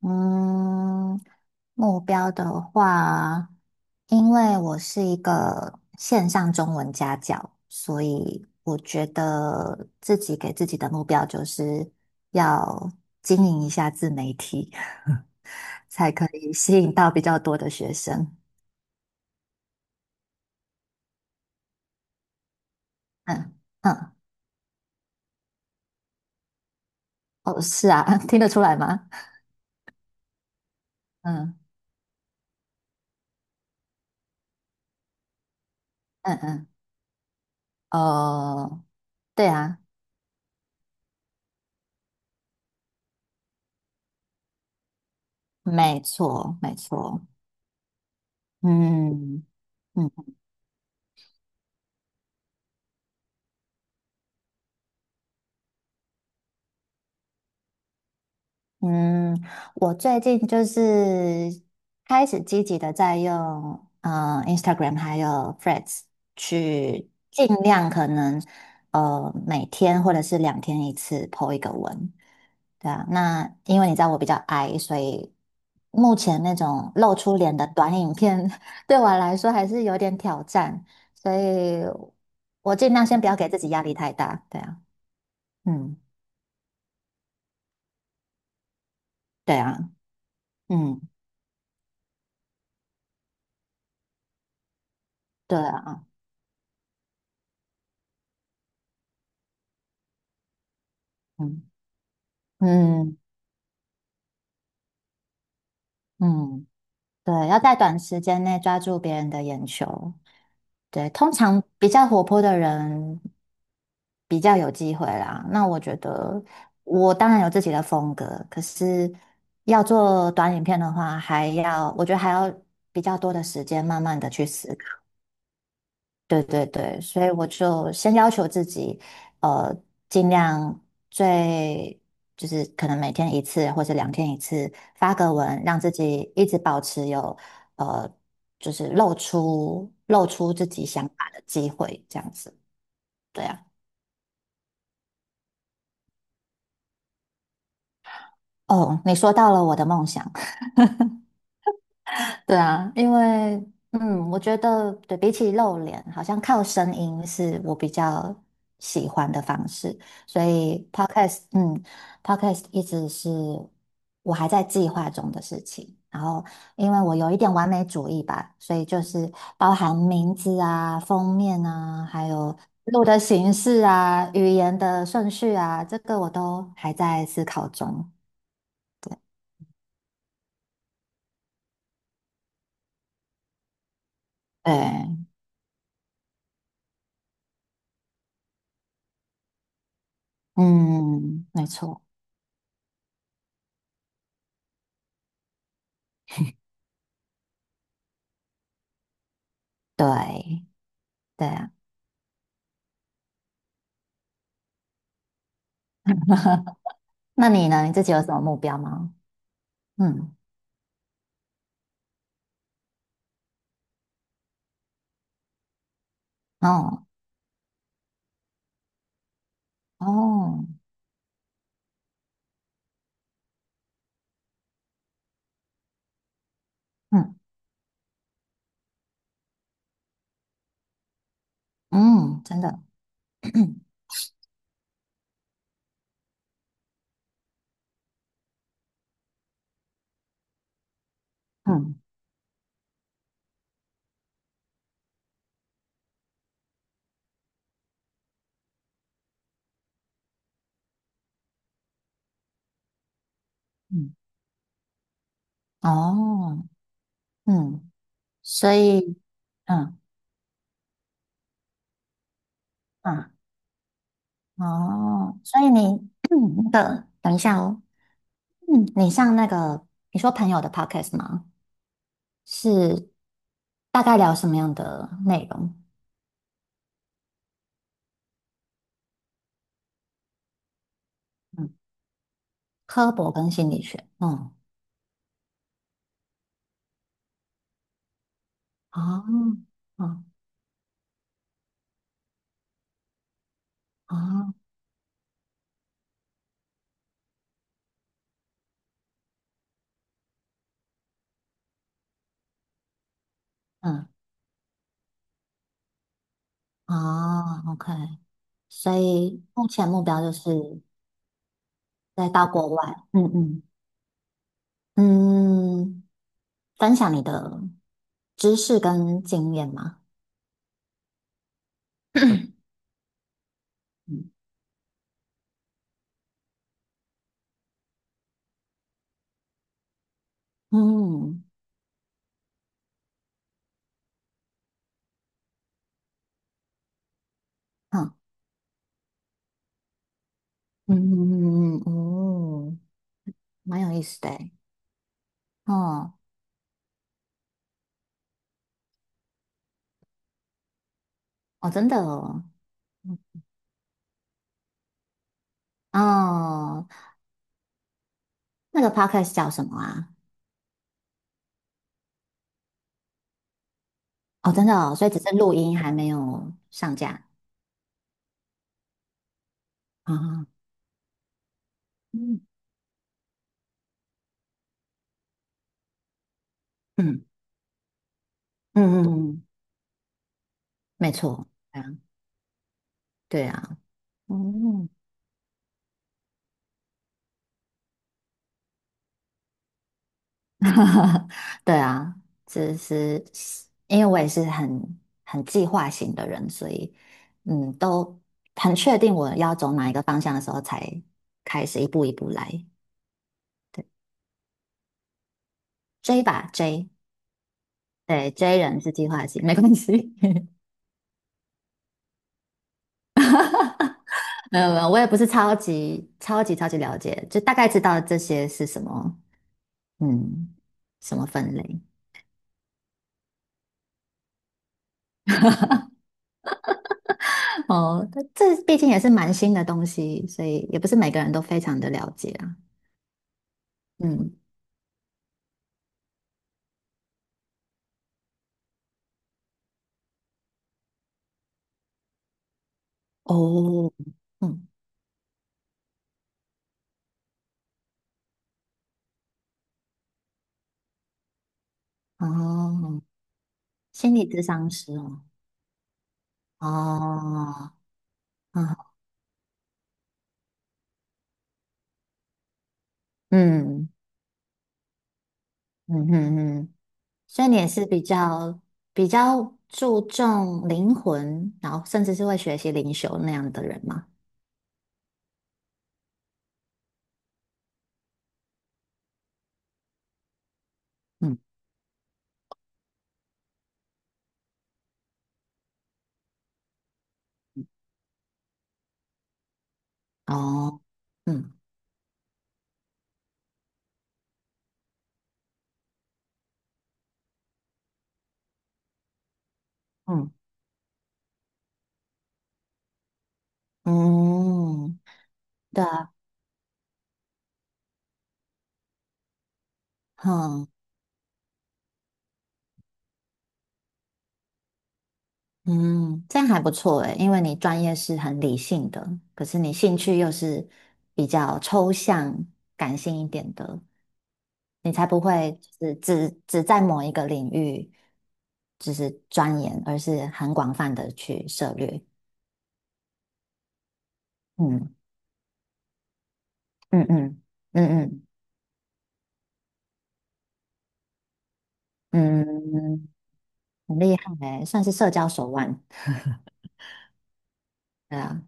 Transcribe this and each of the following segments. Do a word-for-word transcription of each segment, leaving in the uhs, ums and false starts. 嗯，目标的话，因为我是一个线上中文家教，所以我觉得自己给自己的目标就是要经营一下自媒体，才可以吸引到比较多的学生。嗯嗯，哦，是啊，听得出来吗？嗯嗯嗯，哦，对啊，没错没错，嗯嗯。嗯，我最近就是开始积极的在用呃 Instagram 还有 Threads 去尽量可能呃每天或者是两天一次 po 一个文，对啊。那因为你知道我比较矮，所以目前那种露出脸的短影片 对我来说还是有点挑战，所以我尽量先不要给自己压力太大，对啊，嗯，对啊，嗯，对啊，嗯。嗯，嗯，对，要在短时间内抓住别人的眼球。对，通常比较活泼的人比较有机会啦。那我觉得我当然有自己的风格，可是要做短影片的话，还要我觉得还要比较多的时间，慢慢的去思对对对，所以我就先要求自己，呃，尽量最就是可能每天一次或者两天一次发个文，让自己一直保持有呃，就是露出露出自己想法的机会，这样子。对啊。哦，你说到了我的梦想，对啊，因为嗯，我觉得对比起露脸，好像靠声音是我比较喜欢的方式，所以 podcast 嗯，podcast 一直是我还在计划中的事情。然后，因为我有一点完美主义吧，所以就是包含名字啊、封面啊，还有录的形式啊、语言的顺序啊，这个我都还在思考中。对，嗯，没错，对。对啊。那你呢？你自己有什么目标吗？嗯，哦，哦，嗯嗯，真的，嗯嗯，哦，嗯，所以，嗯嗯，哦，所以你 那个，等一下哦，嗯，你上那个，你说朋友的 podcast 吗？是大概聊什么样的内容？嗯，科博跟心理学，嗯，哦，哦，哦，嗯，哦，OK。所以目前目标就是再到国外，嗯嗯嗯，分享你的知识跟经验嘛，嗯嗯嗯嗯嗯嗯，嗯哦蛮有意思的诶，哦哦，真的哦，哦，那个 podcast 叫什么啊？哦，真的哦，所以只是录音还没有上架啊，嗯嗯嗯嗯，嗯嗯嗯没错，对啊对啊，嗯。嗯嗯 对啊，只是因为我也是很很计划型的人，所以嗯，都很确定我要走哪一个方向的时候，才开始一步一步来。追吧追对追人是计划型，没关系。没有没有，我也不是超级超级超级了解，就大概知道这些是什么，嗯，什么分类。哦，这毕竟也是蛮新的东西，所以也不是每个人都非常的了解啊。嗯。哦，嗯，哦，心理咨商师哦，哦，啊，嗯嗯嗯嗯，所以你也是比较比较注重灵魂，然后甚至是会学习灵修那样的人吗？嗯，哦，嗯嗯嗯，对啊，哼，嗯，这样还不错诶，因为你专业是很理性的，可是你兴趣又是比较抽象、感性一点的。你才不会只只只在某一个领域就是钻研，而是很广泛的去涉猎。嗯嗯嗯嗯嗯嗯，很厉害欸，算是社交手腕。对啊，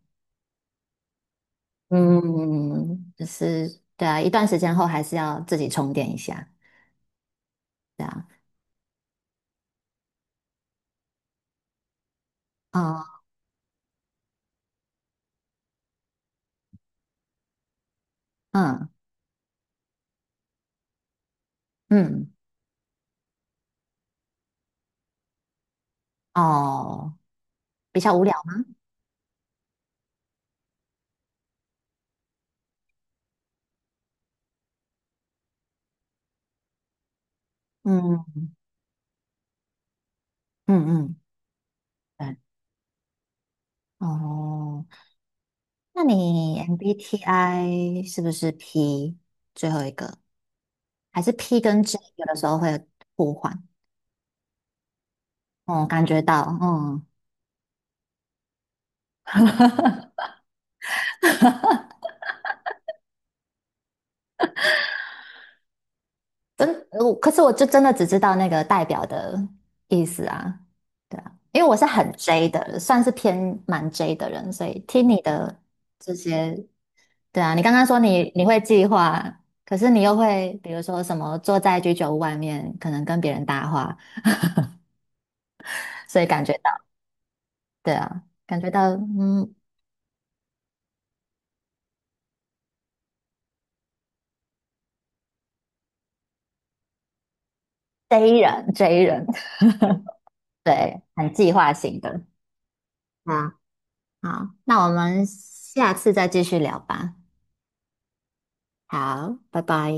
嗯，就是对啊，一段时间后还是要自己充电一下。对啊，哦，嗯嗯，哦，比较无聊。嗯嗯嗯，对，哦，那你 M B T I 是不是 P 最后一个？还是 P 跟 J 有的时候会互换，嗯，感觉到，嗯，呃我可是我就真的只知道那个代表的意思啊，对啊，因为我是很 J 的，算是偏蛮 J 的人，所以听你的这些，对啊，你刚刚说你你会计划，可是你又会比如说什么坐在居酒屋外面，可能跟别人搭话，所以感觉到，对啊，感觉到，嗯，J 人 J 人，对，很计划型的。啊。好，那我们下次再继续聊吧。好，拜拜。